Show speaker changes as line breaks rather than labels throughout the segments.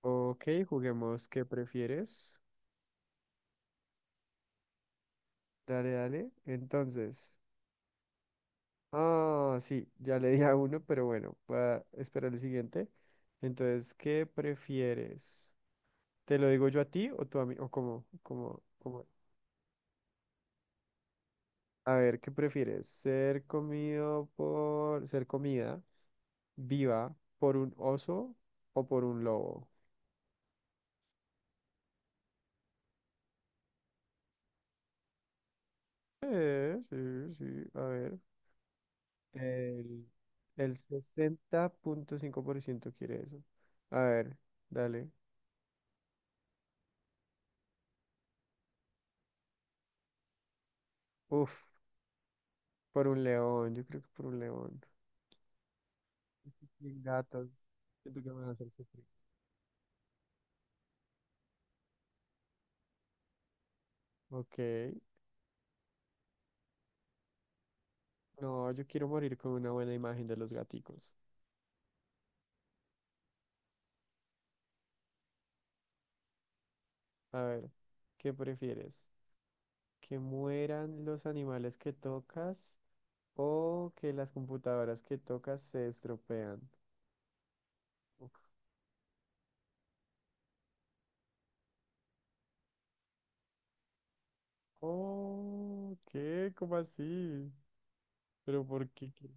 Ok, juguemos. ¿Qué prefieres? Dale, dale. Entonces. Ah, sí, ya le di a uno, pero bueno, voy a esperar el siguiente. Entonces, ¿qué prefieres? ¿Te lo digo yo a ti o tú a mí? ¿O cómo? ¿Cómo? ¿Cómo? A ver, ¿qué prefieres? ¿Ser comido por... ser comida viva por un oso o por un lobo? Sí, sí, a ver. El, el 60,5% quiere eso. A ver, dale. Uf, por un león, yo creo que por un león. Sin gatos. Siento que me van a hacer sufrir. Ok. No, yo quiero morir con una buena imagen de los gaticos. A ver, ¿qué prefieres? ¿Que mueran los animales que tocas o que las computadoras que tocas se estropean? Uf. Oh, ¿qué? ¿Cómo así? ¿Pero por qué?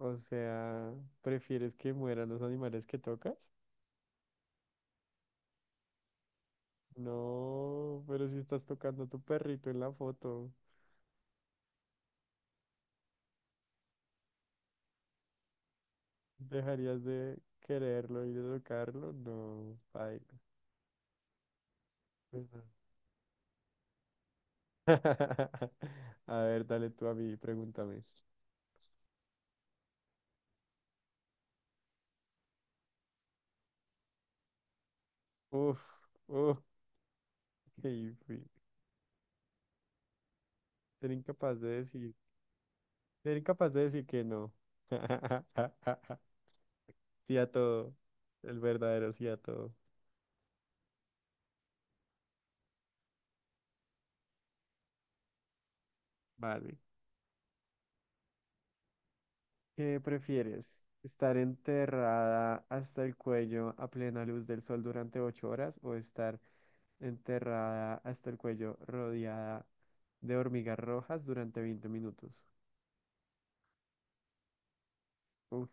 O sea, ¿prefieres que mueran los animales que tocas? No, pero si estás tocando a tu perrito en la foto, ¿dejarías de quererlo y de tocarlo? No, ay, pues no. A ver, dale tú a mí, pregúntame. Uf, uf, qué difícil. Ser incapaz de decir, Ser incapaz de decir que no. Sí a todo, el verdadero sí a todo. Vale. ¿Qué prefieres? ¿Estar enterrada hasta el cuello a plena luz del sol durante 8 horas o estar enterrada hasta el cuello rodeada de hormigas rojas durante 20 minutos? Uf,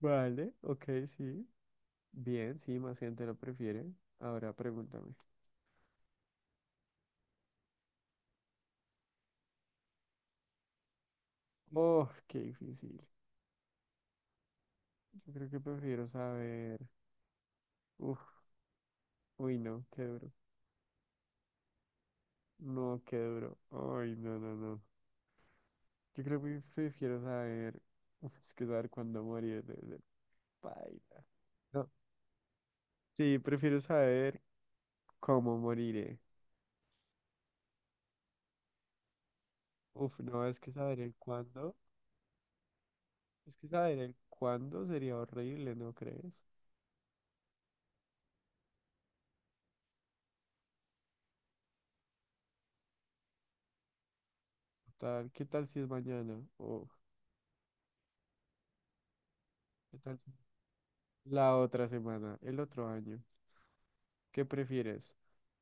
vale, ok, sí. Bien, sí, más gente lo prefiere. Ahora pregúntame. Oh, qué difícil. Yo creo que prefiero saber. Uf, uy, no, qué duro. No, qué duro. Ay, no, no, no. Yo creo que prefiero saber. Uf, es que saber cuándo morir. Paila. No, sí, prefiero saber cómo moriré. Uf, no, es que saber el cuándo, Es que saber el cuándo sería horrible, ¿no crees? Tal, ¿qué tal si es mañana? ¿O qué tal si la otra semana, el otro año? ¿Qué prefieres?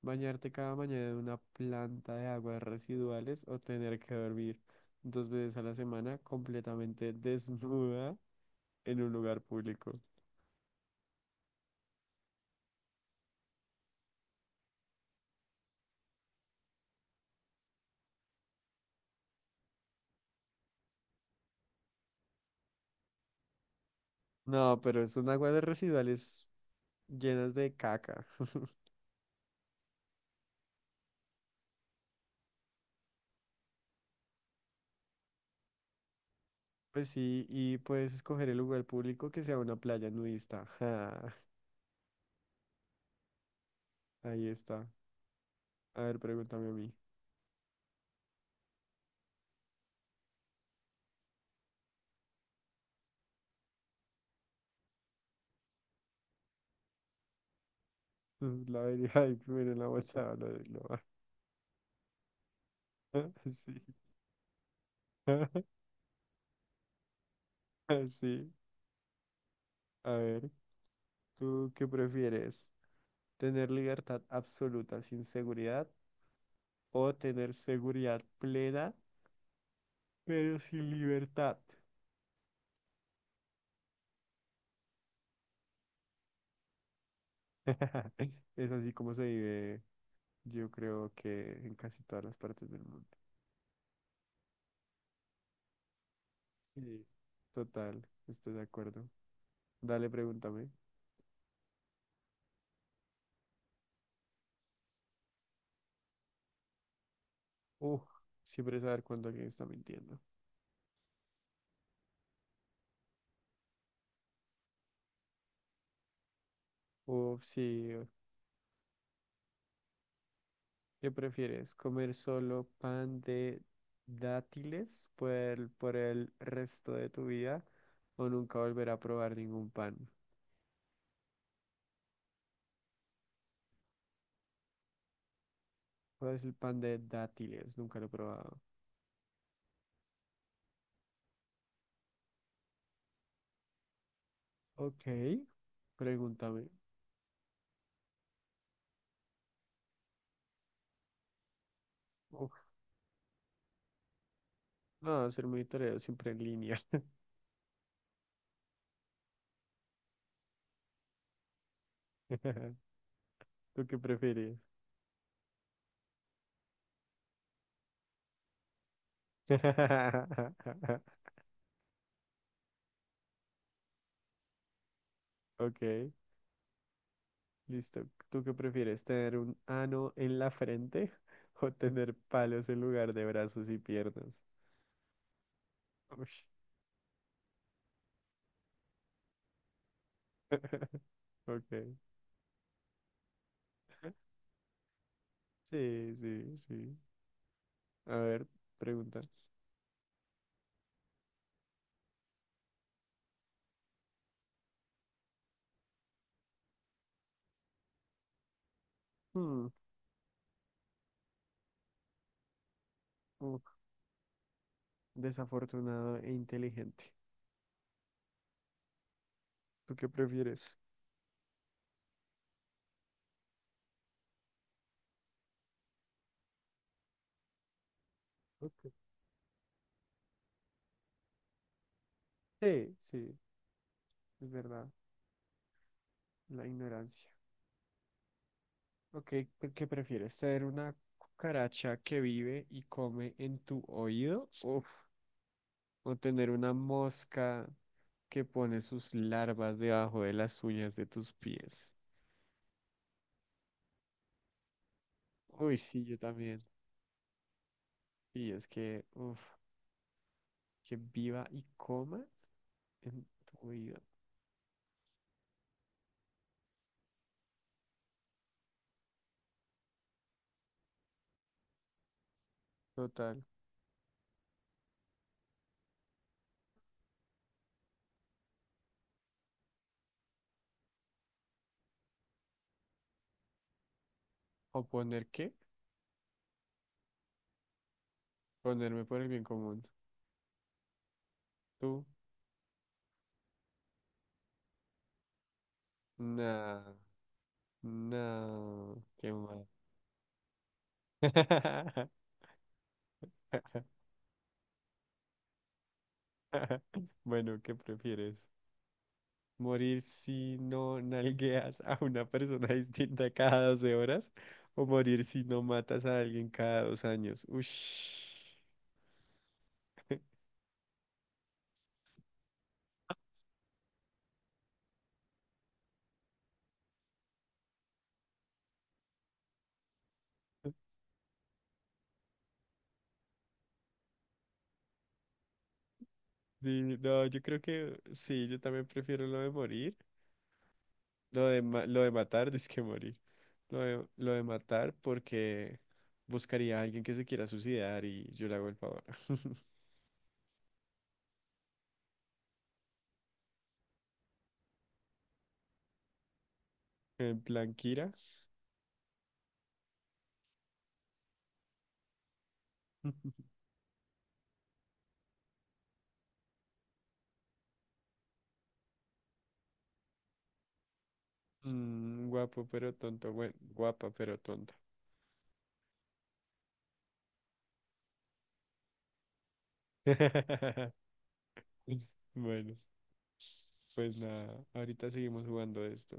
¿Bañarte cada mañana en una planta de aguas residuales o tener que dormir 2 veces a la semana completamente desnuda en un lugar público? No, pero son aguas de residuales llenas de caca. Pues sí, y puedes escoger el lugar público que sea una playa nudista. Ja, ahí está. A ver, pregúntame a mí. La vería ahí primero en la bolsa. Sí. Sí. A ver, ¿tú qué prefieres? ¿Tener libertad absoluta sin seguridad o tener seguridad plena pero sin libertad? Es así como se vive, yo creo que en casi todas las partes del mundo. Sí. Total, estoy de acuerdo. Dale, pregúntame. Uf, siempre saber cuándo alguien está mintiendo. Uf, sí. ¿Qué prefieres? ¿Comer solo pan de por el resto de tu vida o nunca volver a probar ningún pan? ¿Cuál es el pan de dátiles? Nunca lo he probado. Ok, pregúntame. Uf, no, ser monitoreo siempre en línea. ¿Tú qué prefieres? Ok. Listo. ¿Tú qué prefieres, tener un ano en la frente o tener palos en lugar de brazos y piernas? Ush. Ok. Sí, sí, sí. A ver, pregunta. Hmm, uf, desafortunado e inteligente. ¿Tú qué prefieres? Ok. Sí, sí, es verdad. La ignorancia. Ok, ¿qué prefieres? ¿Tener una cucaracha que vive y come en tu oído? Uf, o tener una mosca que pone sus larvas debajo de las uñas de tus pies. Uy, sí, yo también. Y es que, uff, que viva y coma en tu vida. Total. ¿O poner qué? Ponerme por el bien común. Tú, nah, no, qué mal. Bueno, ¿qué prefieres? ¿Morir si no nalgueas a una persona distinta cada 12 horas? ¿O morir si no matas a alguien cada 2 años? Ush. Sí, no, yo creo que sí, yo también prefiero lo de morir, lo de matar, es que morir, lo de matar porque buscaría a alguien que se quiera suicidar y yo le hago el favor. En plan, Kira, mm, guapo pero tonto, bueno, guapa pero tonta. Bueno, pues nada, ahorita seguimos jugando esto.